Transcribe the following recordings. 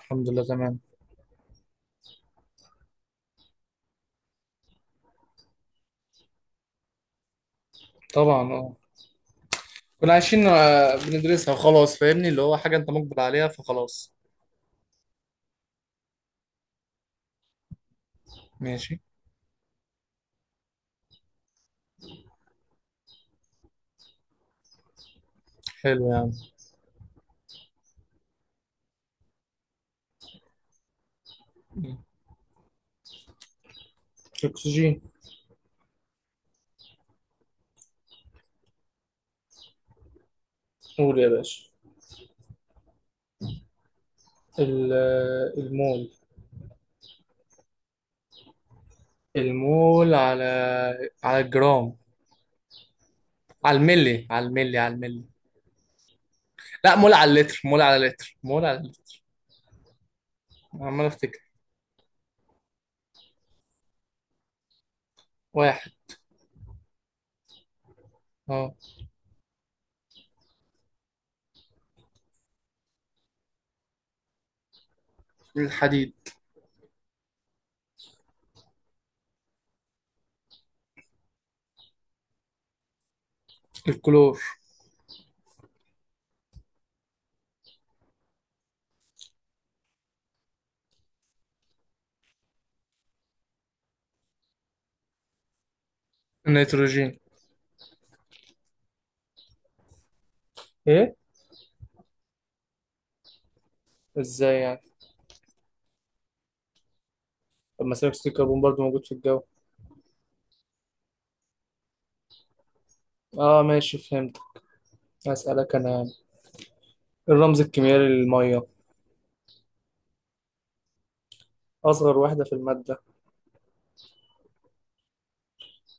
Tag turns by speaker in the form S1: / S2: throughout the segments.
S1: الحمد لله، تمام. طبعا، اه. كنا عايشين، بندرسها وخلاص. فاهمني اللي هو حاجة انت مقبل عليها فخلاص. ماشي. حلو يعني. الاكسجين. قول يا باشا. المول. المول على. على الجرام. على الملي على الملي على الملي. لا، مول على اللتر مول على اللتر مول على اللتر. عمال افتكر. واحد. اه، الحديد. الكلور. النيتروجين. ايه؟ ازاي يعني؟ طب ما ثاني اكسيد الكربون برضه موجود في الجو. اه، ماشي، فهمت. اسالك انا. الرمز الكيميائي للمية؟ أصغر وحدة في المادة؟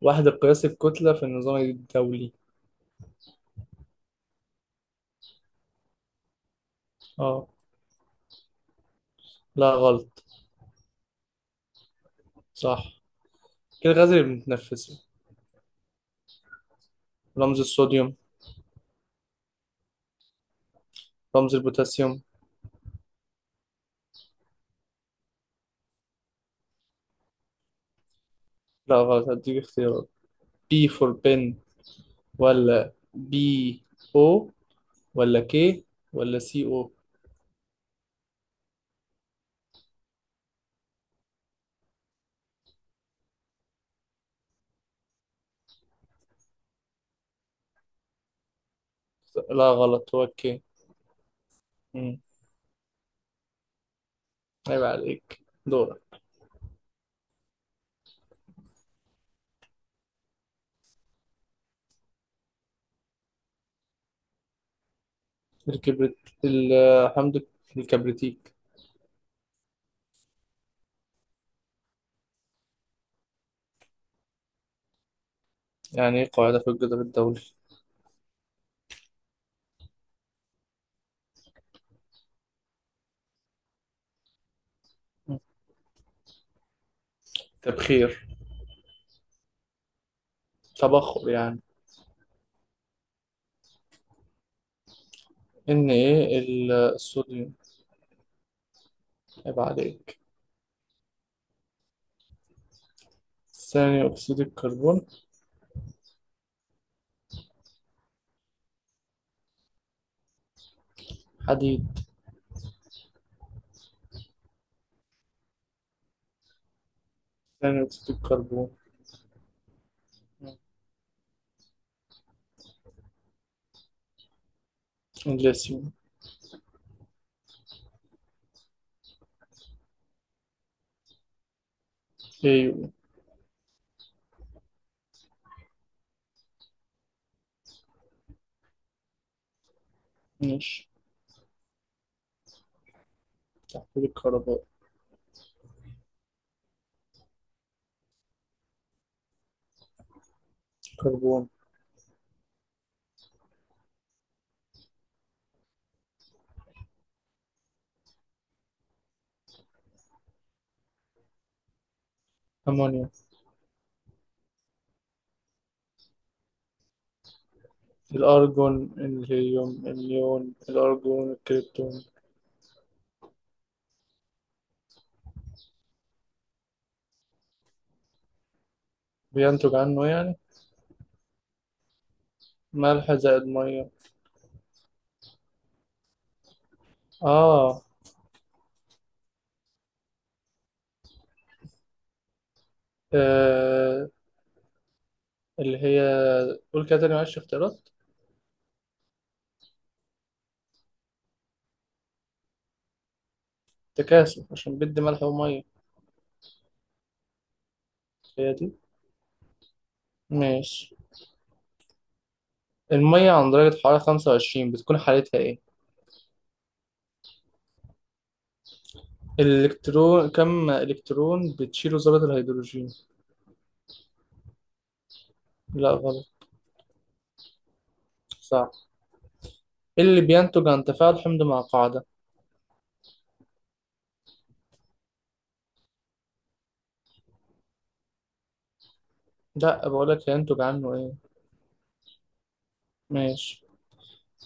S1: وحدة قياس الكتلة في النظام الدولي؟ اه. لا، غلط. صح. إيه الغاز اللي بنتنفسه؟ رمز الصوديوم؟ رمز البوتاسيوم؟ لا غلط، هديك اختيارات. بي فور بن. ولا بي او، ولا كي، ولا سي او. لا غلط، هو كي. مم. عيب عليك. دورك. الكبريت، الحمض الكبريتيك. يعني ايه قاعدة في الجدول الدولي؟ تبخير. تبخر يعني. الصوديوم. هيبقى عليك. ثاني اكسيد الكربون. حديد. ثاني اكسيد الكربون. الليثيوم. ايو. ماشي. تحويل الكربون. كربون. امونيا. الارجون، الهيليوم، النيون، الارجون، الكريبتون. بينتج عنه يعني. ملح زائد ميه. اه. آه. اللي هي. قول كده تاني، معلش، اختيارات. تكاثف، عشان بدي ملح وميه. هي دي. ماشي. المية عند درجة حرارة 25 بتكون حالتها إيه؟ الإلكترون، كم إلكترون بتشيله ذرة الهيدروجين؟ لا غلط. صح. إيه اللي بينتج عن تفاعل حمض مع قاعدة؟ لا، بقولك هينتج عنه إيه؟ ماشي.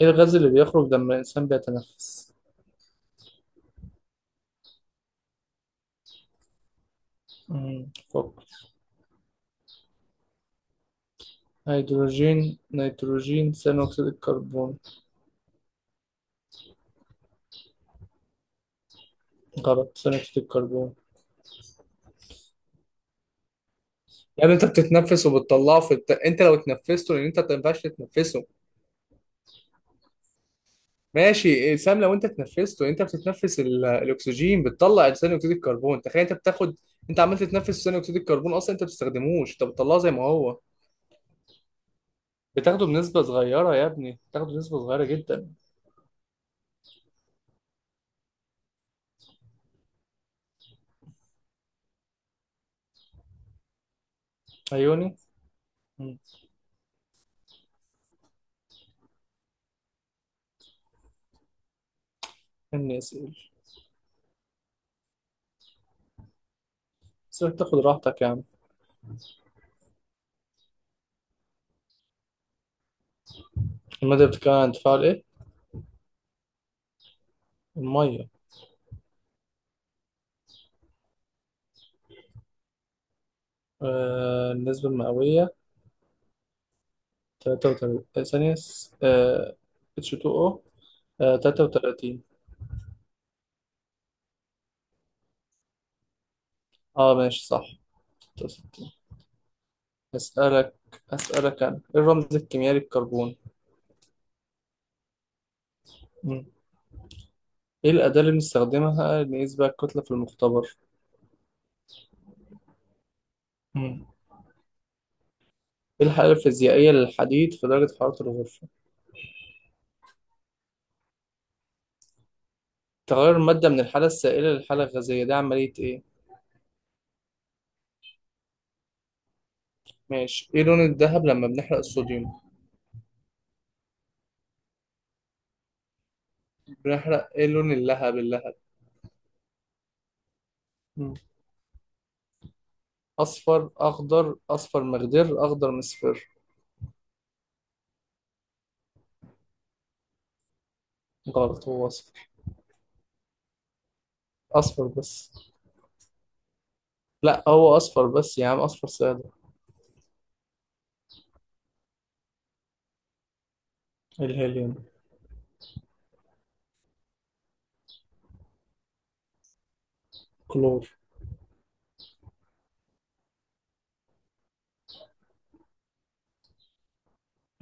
S1: إيه الغاز اللي بيخرج لما الإنسان بيتنفس؟ مم، فكر. هيدروجين، نيتروجين، ثاني أكسيد الكربون. غلط، ثاني أكسيد الكربون. يعني أنت بتتنفس وبتطلعه في أنت لو اتنفسته، لأن أنت ما ينفعش تتنفسه. ماشي، سام. لو انت تنفسته، انت بتتنفس الاكسجين بتطلع ثاني اكسيد الكربون. تخيل انت بتاخد. انت عمال تتنفس ثاني اكسيد الكربون اصلا، انت ما بتستخدموش، انت بتطلعه زي ما هو. بتاخده بنسبة صغيرة يا ابني، بتاخده بنسبة صغيرة جدا. عيوني. مم. استني اسال. سيبك تاخد راحتك يا عم. المادة بتتكون عن تفاعل ايه؟ المية. النسبة المئوية. 33. آه، ثانية س- آه H2O. 33. اه ماشي صح. أسألك أسألك أنا، إيه الرمز الكيميائي للكربون؟ مم. إيه الأداة اللي بنستخدمها نقيس بيها الكتلة في المختبر؟ مم. إيه الحالة الفيزيائية للحديد في درجة حرارة الغرفة؟ تغير المادة من الحالة السائلة للحالة الغازية، ده عملية إيه؟ ماشي. إيه لون الذهب لما بنحرق الصوديوم؟ بنحرق، إيه لون اللهب، اللهب؟ مم. أصفر أخضر، أصفر مخضر، أخضر مصفر. غلط، هو أصفر. أصفر بس. لا هو أصفر بس يا عم، أصفر سادة. الهيليوم. كلور.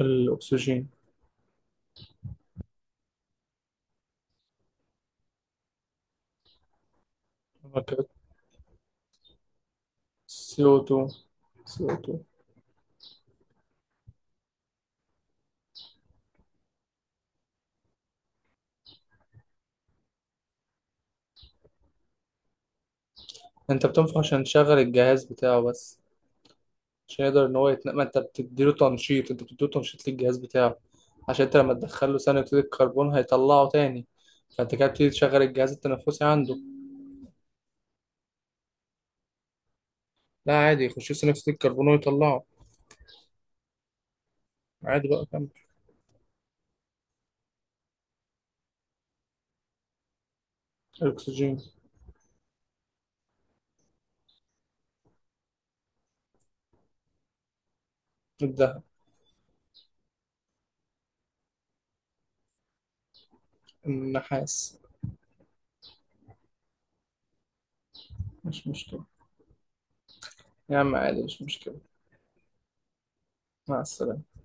S1: الأكسجين. CO2. CO2. انت بتنفخ عشان تشغل الجهاز بتاعه بس. عشان يقدر ان هو يتنقل، ما انت بتديله تنشيط، انت بتديله تنشيط للجهاز بتاعه. عشان انت لما تدخله ثاني اكسيد الكربون هيطلعه تاني. فانت كده بتبتدي تشغل الجهاز التنفسي عنده. لا، عادي يخش ثاني اكسيد الكربون ويطلعه. عادي بقى، كمل. الاكسجين. الدهب. النحاس. مش مشكلة. يا عم عادي، مش مشكلة. مع السلامة.